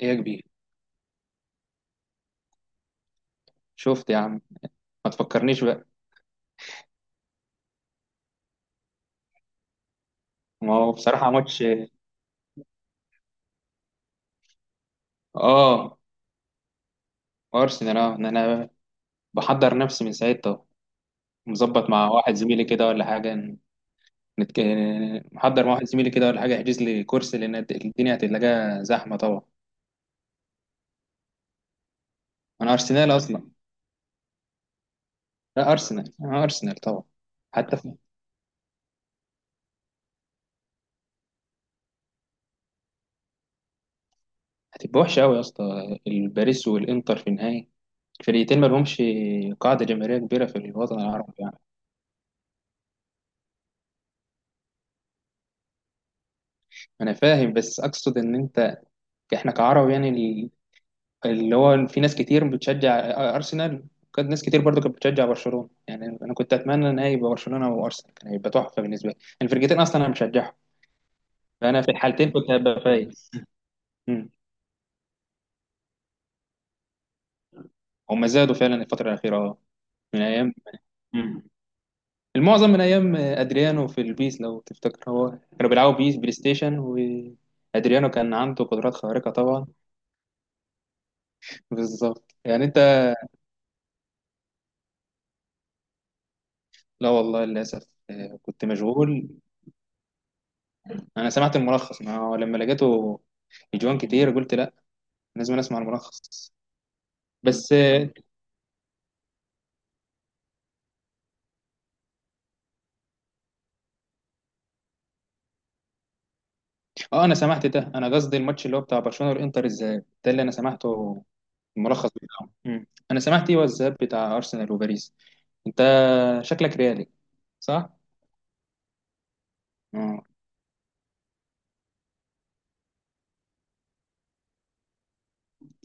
ايه يا كبير، شفت يا عم. ما تفكرنيش بقى. ما هو بصراحة ماتش. اه ارسنال اه انا بحضر نفسي من ساعتها، مظبط مع واحد زميلي كده ولا حاجة. نتك... محضر مع واحد زميلي كده ولا حاجة، يحجز لي كرسي لان الدنيا هتلاقيها زحمة طبعا. انا ارسنال اصلا. لا ارسنال، انا ارسنال طبعا. حتى في... هتبقى وحشة قوي يا اسطى الباريس والانتر في النهاية. الفريقين ما لهمش قاعدة جماهيرية كبيرة في الوطن العربي يعني. انا فاهم بس اقصد ان انت، احنا كعرب يعني، اللي هو في ناس كتير بتشجع ارسنال، وكانت ناس كتير برضو كانت بتشجع برشلونه، يعني انا كنت اتمنى ان هي يبقى برشلونه وارسنال، كان هيبقى تحفه بالنسبه لي. الفرقتين اصلا انا بشجعهم، فانا في الحالتين كنت هبقى فايز. مم. هم زادوا فعلا الفتره الاخيره اه. من ايام، مم، المعظم من ايام ادريانو في البيس لو تفتكر، هو كانوا بيلعبوا بيس بلاي ستيشن، وادريانو كان عنده قدرات خارقه طبعا. بالظبط يعني انت، لا والله للاسف، كنت مشغول. انا سمعت الملخص، ما هو لما لقيته اجوان كتير قلت لا، لازم اسمع الملخص. بس اه، انا سمعت ده. انا قصدي الماتش اللي هو بتاع برشلونه والانتر، الذهاب ده اللي انا سمعته، الملخص بتاعه. مم. انا سمعت ايه، هو الذهاب بتاع ارسنال وباريس. انت شكلك ريالي صح؟ اه.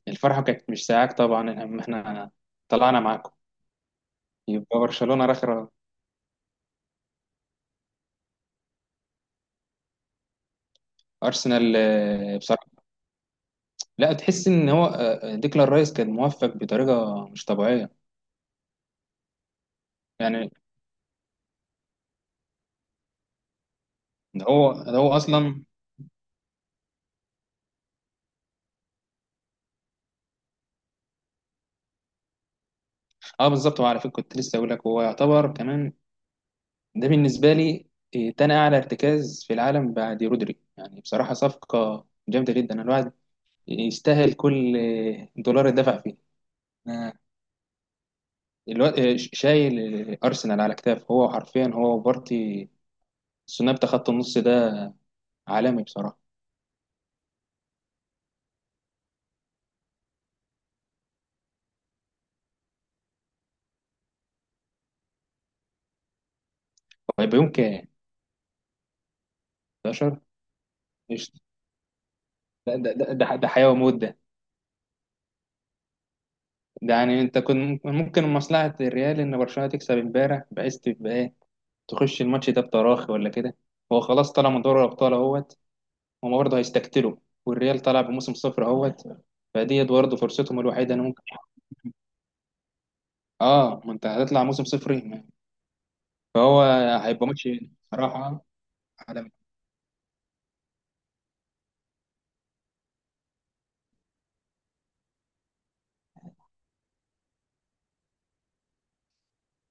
الفرحه كانت مش ساعاك طبعا، اما احنا طلعنا معاكم يبقى برشلونه رخره. ارسنال بصراحه لا، تحس ان هو ديكلان رايس كان موفق بطريقه مش طبيعيه يعني. ده هو اصلا. اه بالظبط، وعلى فكره كنت لسه اقول لك، هو يعتبر كمان، ده بالنسبه لي، تاني اعلى ارتكاز في العالم بعد رودري يعني. بصراحه صفقه جامده جدا. الواحد يستاهل كل دولار اتدفع فيه. أنا الواد شايل ارسنال على كتاف، هو حرفيا هو وبارتي، الثنائي بتاع خط النص ده عالمي بصراحه. هيبقى يوم كام؟ 11؟ قشطه. ده حياه وموت ده. ده يعني انت كنت ممكن مصلحه الريال ان برشلونه تكسب امبارح، بحيث تبقى تخش الماتش ده بتراخي ولا كده. هو خلاص طلع من دوري الابطال اهوت، هما برضه هيستقتلوا. والريال طلع بموسم صفر اهوت، فديت برضه فرصتهم الوحيده انا ممكن. اه ما انت هتطلع موسم صفر، فهو هيبقى ماتش صراحه عالمي.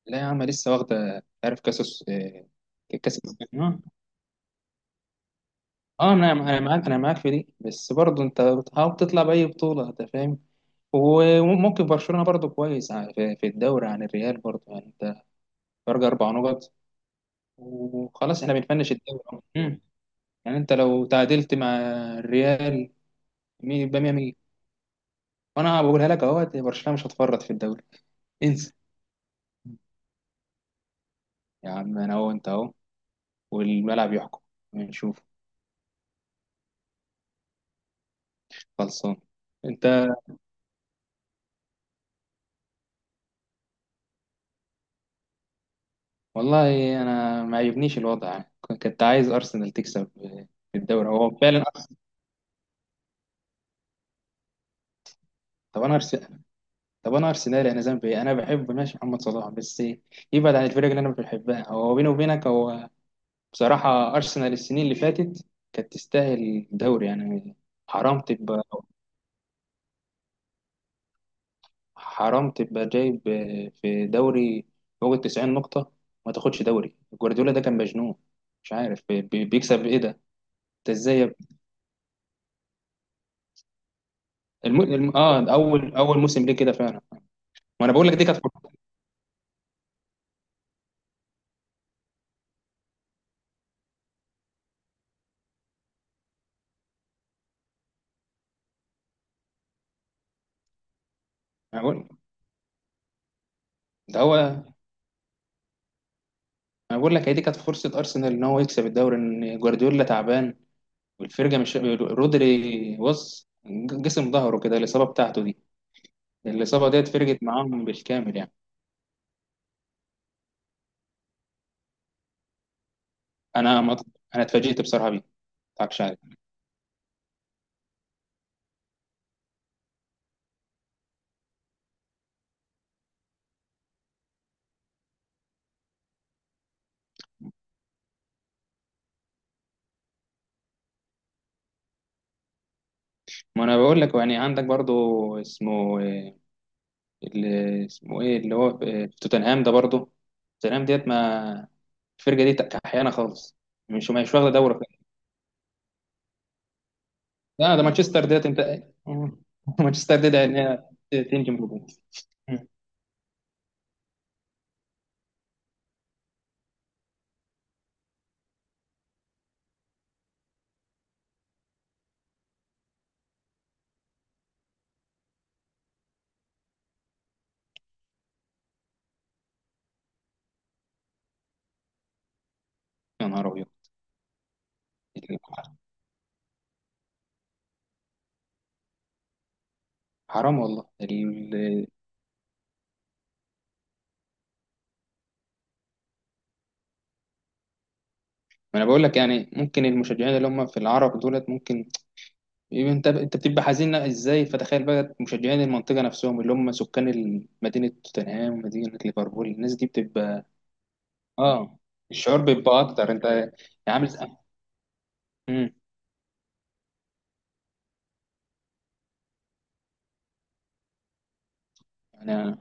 لا يا عم لسه واخده، عارف، كاس السنة. اه. انا انا معاك في دي، بس برضه انت بتحاول تطلع باي بطوله، انت فاهم. وممكن برشلونه برضه كويس، في في الدوري عن الريال برضه، يعني انت فرق 4 نقط وخلاص احنا بنفنش الدوري أهو. مم. يعني انت لو تعادلت مع الريال يبقى 100 100، وانا بقولها لك اهو، برشلونه مش هتفرط في الدوري. انسى يا عم. انا اهو، انت اهو، والملعب يحكم. نشوف. خلصان انت. والله انا ما عجبنيش الوضع، يعني كنت عايز ارسنال تكسب في الدوري هو فعلا. طب انا ارسنال، طب انا ارسنالي، انا ذنبي ايه؟ انا بحب ماشي محمد صلاح، بس إيه؟ يبعد عن الفرق اللي انا مش بحبها. هو بيني وبينك، هو بصراحة أرسنال السنين اللي فاتت كانت تستاهل دوري يعني. حرام تبقى، حرام تبقى جايب في دوري فوق ال90 نقطة ما تاخدش دوري. جوارديولا ده كان مجنون، مش عارف بيكسب إيه ده. أنت إزاي يا ابني؟ الم... الم... آه أول أول موسم ليه كده فعلا. ما أنا بقول لك دي كانت فرصة. أنا بقول ده هو. أنا بقول لك، هي دي كانت فرصة أرسنال إن هو يكسب الدوري، إن جوارديولا تعبان والفرقة مش رودري. بص، جسم ظهره كده، الإصابة بتاعته دي، الإصابة ديت فرقت معاهم بالكامل يعني. أنا مط... أنا اتفاجئت بصراحة بيه، مضحكش عليك. ما أنا بقول لك يعني، عندك برضو اسمه، اللي اسمه إيه، اللي هو في في توتنهام ده برضو. توتنهام ديت ما، الفرقة دي كحيانة خالص، مش واخدة دوري خالص. لا ده مانشستر ديت أنت. مانشستر ديت إن هي تنجم هجوم. يا نهار أبيض. حرام والله ما أنا بقول لك يعني، ممكن المشجعين اللي هم في العرب دولت، ممكن يبقى انت بتبقى حزين ازاي، فتخيل بقى مشجعين المنطقه نفسهم، اللي هم سكان مدينه توتنهام ومدينه ليفربول، الناس دي بتبقى اه، الشعور بيبقى اكتر. انت عامل امم. انا،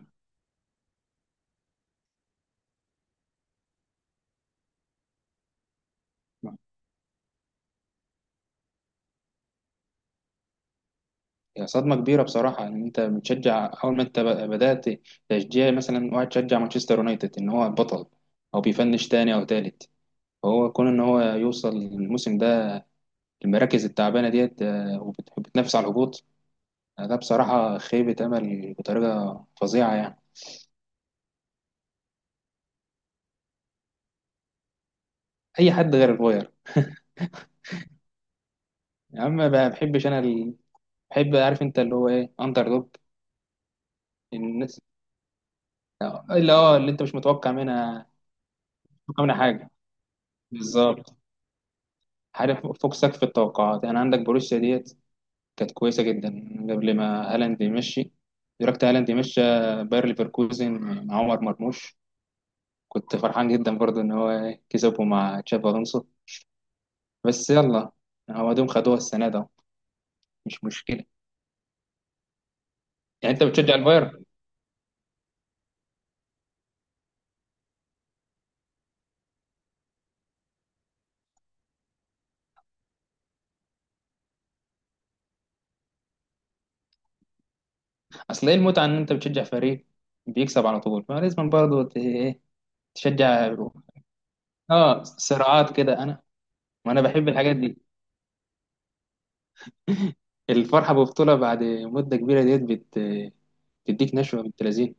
هي صدمه كبيره بصراحه ان انت بتشجع، اول ما انت بدات تشجيع مثلا، واحد شجع مانشستر يونايتد ان هو البطل او بيفنش تاني او تالت، فهو كون ان هو يوصل الموسم ده المراكز التعبانه ديت، وبتنافس على الهبوط، ده بصراحه خيبه امل بطريقه فظيعه يعني. اي حد غير الفاير. يا عم ما بحبش انا بحب، عارف انت، اللي هو ايه، اندر دوج، الناس اللي اه، اللي انت مش متوقع منها متوقع منها حاجه، بالظبط. عارف، فوق سقف التوقعات يعني. عندك بروسيا ديت كانت كويسه جدا قبل ما هالاند يمشي، دركت هالاند يمشي. باير ليفركوزن مع عمر مرموش، كنت فرحان جدا برضو ان هو كسبه مع تشابي الونسو. بس يلا، هو دوم خدوها السنه ده، مش مشكله. يعني انت بتشجع البايرن؟ اصل ايه المتعه ان انت بتشجع فريق بيكسب على طول؟ فلازم برضه ايه تشجع. اه صراعات كده، انا ما انا بحب الحاجات دي. الفرحه ببطوله بعد مده كبيره ديت بتديك نشوه بنت لذينه.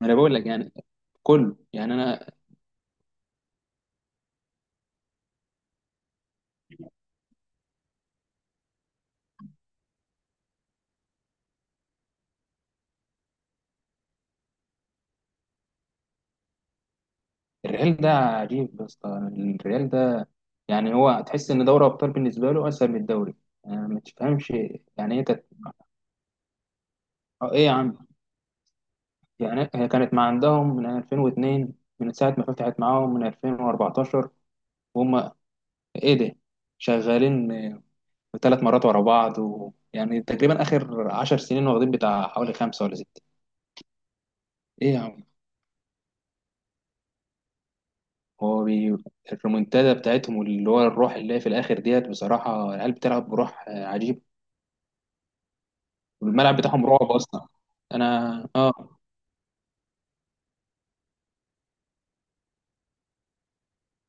ما انا بقول لك يعني، كله يعني انا. الريال ده عجيب يا اسطى، الريال ده يعني، هو تحس ان دوري ابطال بالنسبه له اسهل من الدوري، يعني ما تفهمش. يعني ايه تت... آه، ايه يا عم، يعني هي كانت مع عندهم من 2002، من ساعه ما فتحت معاهم من 2014، وهم ايه ده، شغالين 3 مرات ورا بعض و... يعني تقريبا اخر 10 سنين واخدين بتاع حوالي خمسة ولا ستة. ايه يا عم. هو بي... الريمونتادا بتاعتهم اللي هو الروح اللي هي في الاخر ديت، بصراحة العيال بتلعب بروح عجيب. والملعب بتاعهم رعب اصلا. انا اه،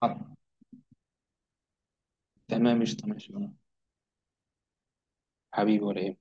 آه، تمام مش تمام حبيبي ولا ايه؟